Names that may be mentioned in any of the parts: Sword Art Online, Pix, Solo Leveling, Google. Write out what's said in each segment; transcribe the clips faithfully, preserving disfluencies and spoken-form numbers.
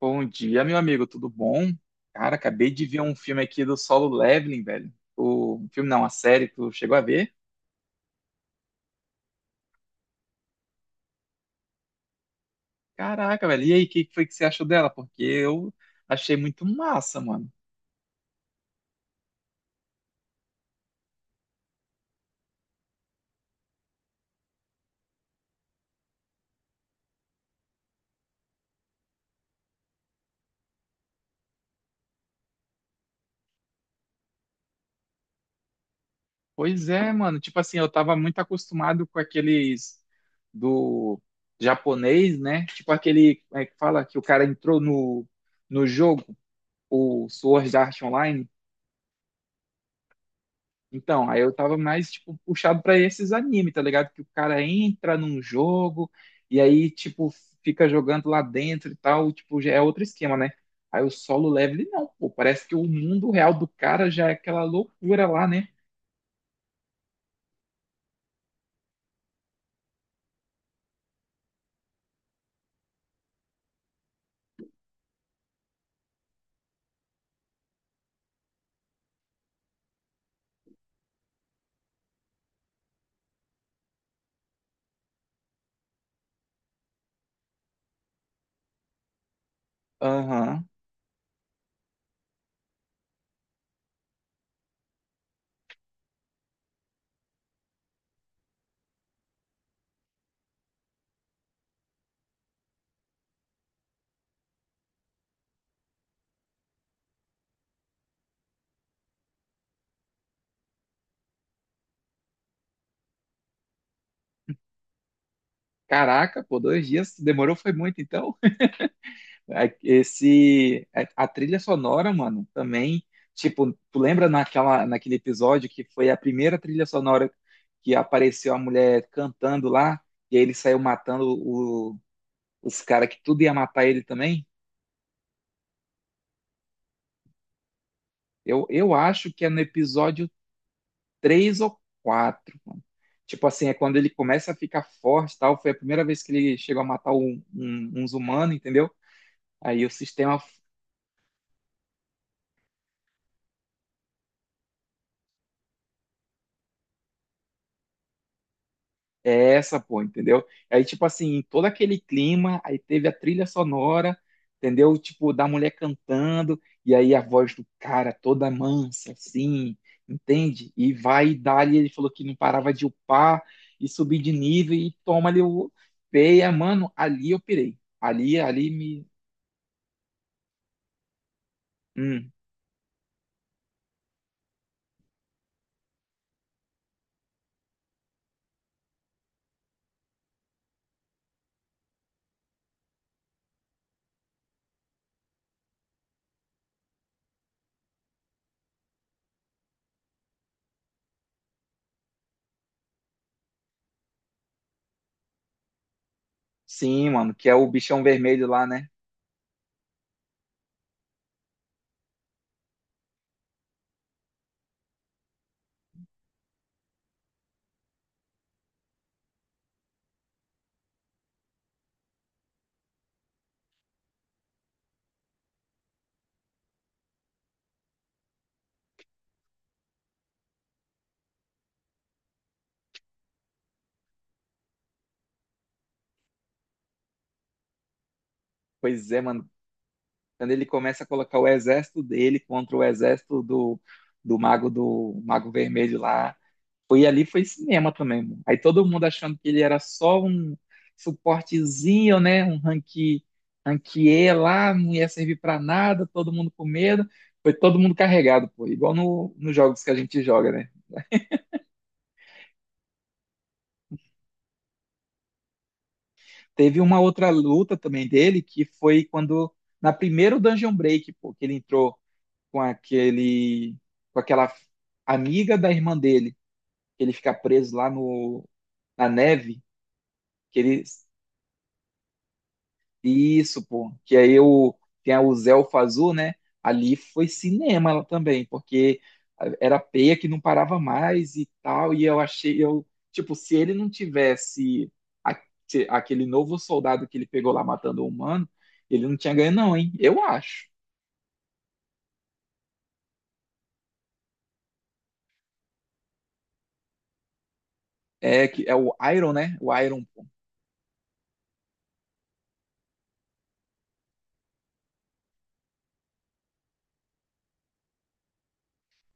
Bom dia, meu amigo, tudo bom? Cara, acabei de ver um filme aqui do Solo Leveling, velho. O um filme não, uma série, tu chegou a ver? Caraca, velho, e aí, o que que foi que você achou dela? Porque eu achei muito massa, mano. Pois é, mano, tipo assim, eu tava muito acostumado com aqueles do japonês, né? Tipo aquele, como é que fala, que o cara entrou no, no jogo, o Sword Art Online. Então, aí eu tava mais, tipo, puxado pra esses anime, tá ligado? Que o cara entra num jogo e aí, tipo, fica jogando lá dentro e tal, tipo, já é outro esquema, né? Aí o solo level, não, pô, parece que o mundo real do cara já é aquela loucura lá, né? Aham. Caraca, pô, dois dias demorou, foi muito, então. É, esse, é, a trilha sonora, mano, também, tipo, tu lembra naquela, naquele episódio que foi a primeira trilha sonora que apareceu a mulher cantando lá, e aí ele saiu matando o- os caras que tudo ia matar ele também? Eu, eu acho que é no episódio três ou quatro, mano. Tipo assim, é quando ele começa a ficar forte e tal, foi a primeira vez que ele chegou a matar um, um- uns humanos, entendeu? Aí o sistema. É essa, pô, entendeu? Aí, tipo assim, em todo aquele clima, aí teve a trilha sonora, entendeu? Tipo, da mulher cantando, e aí a voz do cara toda mansa, assim, entende? E vai dar, ele falou que não parava de upar e subir de nível e toma ali o peia, mano, ali eu pirei. Ali, ali me. Hum, sim, mano, que é o bichão vermelho lá, né? Pois é, mano. Quando ele começa a colocar o exército dele contra o exército do, do mago do mago vermelho lá. Foi ali, foi cinema também, mano. Aí todo mundo achando que ele era só um suportezinho, né? Um ranqui, ranquier lá, não ia servir pra nada, todo mundo com medo. Foi todo mundo carregado, pô. Igual no, nos jogos que a gente joga, né? Teve uma outra luta também dele, que foi quando, na primeira Dungeon Break, pô, que ele entrou com aquele, com aquela amiga da irmã dele, que ele fica preso lá no, na neve, que ele. Isso, pô. Que aí eu, tem a- o Zé Fazul, né? Ali foi cinema ela também, porque era peia que não parava mais e tal. E eu achei, eu, tipo, se ele não tivesse a- se- aquele novo soldado que ele pegou lá matando o humano, ele não tinha ganho, não, hein? Eu acho. É, que é o Iron, né? O Iron, pô.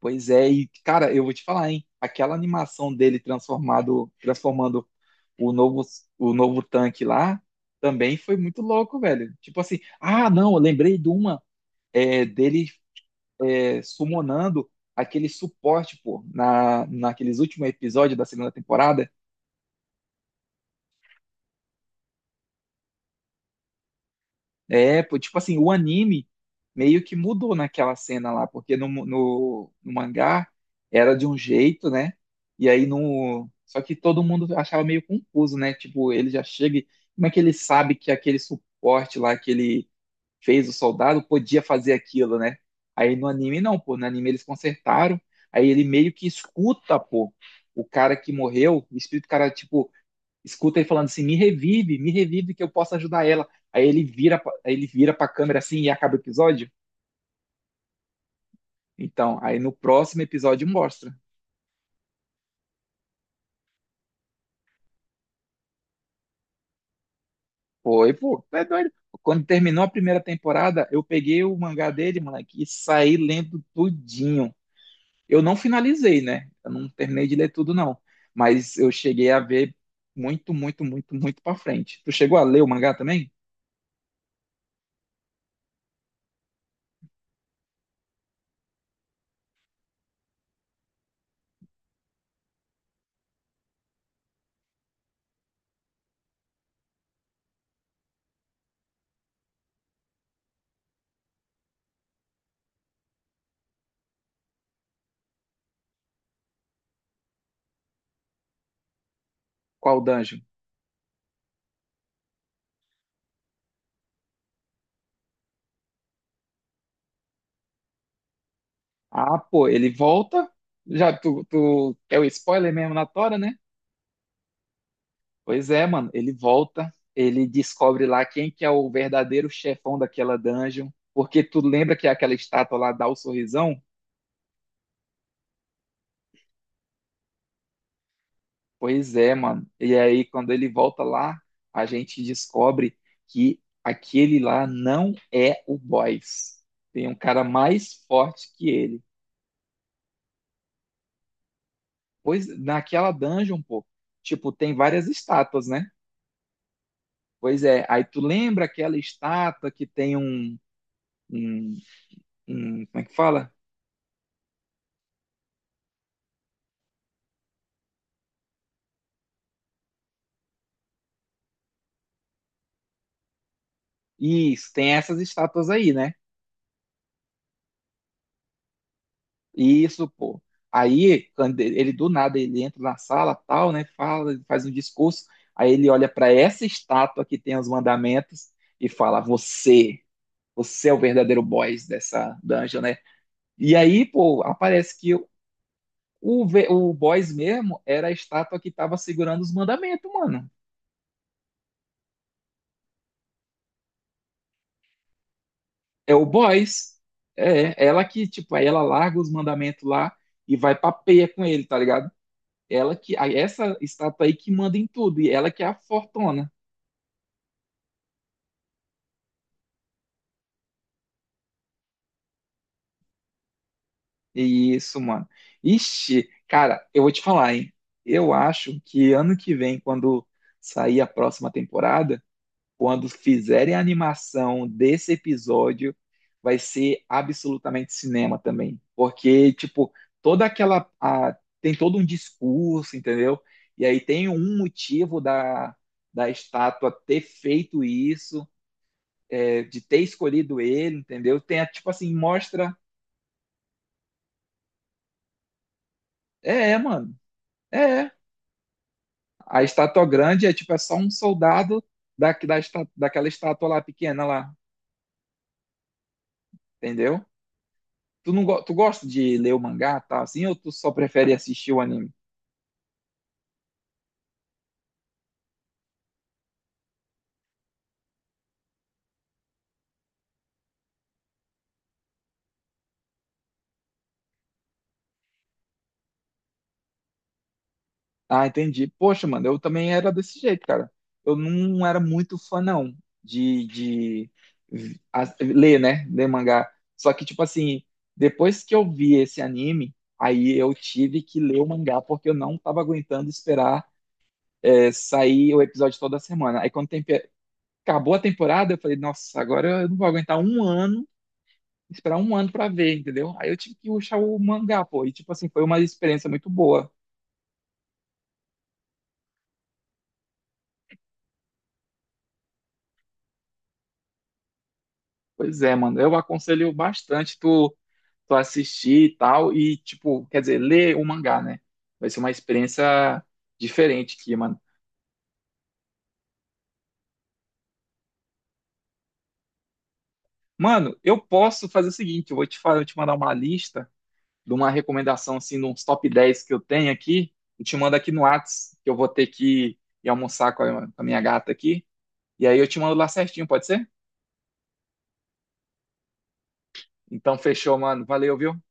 Pois é, e cara, eu vou te falar, hein? Aquela animação dele transformado, transformando o novo, o novo tanque lá também foi muito louco, velho. Tipo assim, ah, não, eu lembrei de uma é, dele é, summonando aquele suporte, pô, na, naqueles últimos episódios da segunda temporada. É, pô, tipo assim, o anime meio que mudou naquela cena lá, porque no, no, no mangá era de um jeito, né? E aí no. Só que todo mundo achava meio confuso, né? Tipo, ele já chega. e- Como é que ele sabe que aquele suporte lá, aquele fez o soldado, podia fazer aquilo, né? Aí no anime não, pô, no anime eles consertaram, aí ele meio que escuta, pô, o cara que morreu, o espírito do cara, tipo, escuta ele falando assim, me revive, me revive que eu posso ajudar ela. Aí ele vira, pra- aí ele vira pra câmera assim e acaba o episódio. Então, aí no próximo episódio mostra. Foi, pô, é doido. Quando terminou a primeira temporada, eu peguei o mangá dele, moleque, e saí lendo tudinho. Eu não finalizei, né? Eu não terminei de ler tudo, não. Mas eu cheguei a ver muito, muito, muito, muito pra frente. Tu chegou a ler o mangá também? Qual dungeon? Ah, pô, ele volta. Já tu, tu é o spoiler mesmo na tora, né? Pois é, mano. Ele volta. Ele descobre lá quem que é o verdadeiro chefão daquela dungeon. Porque tu lembra que é aquela estátua lá dá o sorrisão? Pois é, mano. E aí, quando ele volta lá, a gente descobre que aquele lá não é o boss. Tem um cara mais forte que ele. Pois naquela dungeon, pô, tipo, tem várias estátuas, né? Pois é. Aí tu lembra aquela estátua que tem um, um, um- como é que fala? Isso, tem essas estátuas aí, né? Isso, pô. Aí, quando ele do nada, ele entra na sala, tal, né? Fala, faz um discurso. Aí ele olha para essa estátua que tem os mandamentos e fala: você, você é o verdadeiro boss dessa dungeon, né? E aí, pô, aparece que o, ve- o boss mesmo era a estátua que tava segurando os mandamentos, mano. É o boss. É, ela que, tipo, aí ela larga os mandamentos lá e vai pra peia com ele, tá ligado? Ela que, aí essa estátua aí que manda em tudo, e ela que é a fortuna. Isso, mano. Ixi, cara, eu vou te falar, hein? Eu acho que ano que vem, quando sair a próxima temporada, quando fizerem a animação desse episódio, vai ser absolutamente cinema também. Porque, tipo, toda aquela. A- tem todo um discurso, entendeu? E aí tem um motivo da, da estátua ter feito isso, é, de ter escolhido ele, entendeu? Tem, a- tipo assim, mostra. É, é, mano. É, é. A estátua grande é tipo, é só um soldado da, da, esta- daquela estátua lá pequena lá, entendeu? Tu não go- Tu gosta de ler o mangá, tá? Assim, ou tu só prefere assistir o anime? Ah, entendi. Poxa, mano, eu também era desse jeito, cara. Eu não era muito fã, não, de, de a- ler, né? Ler mangá. Só que, tipo assim, depois que eu vi esse anime, aí eu tive que ler o mangá, porque eu não tava aguentando esperar é, sair o episódio toda semana. Aí quando tem acabou a temporada, eu falei, nossa, agora eu não vou aguentar um ano, esperar um ano pra ver, entendeu? Aí eu tive que rushar o mangá, pô, e tipo assim, foi uma experiência muito boa. Pois é, mano, eu aconselho bastante tu, tu assistir e tal, e tipo, quer dizer, ler o mangá, né? Vai ser uma experiência diferente aqui, mano. Mano, eu posso fazer o seguinte, eu vou te falar, eu te mandar uma lista de uma recomendação, assim, de uns top dez que eu tenho aqui, eu te mando aqui no Whats, que eu vou ter que ir almoçar com a, com a minha gata aqui. E aí eu te mando lá certinho, pode ser? Então fechou, mano. Valeu, viu?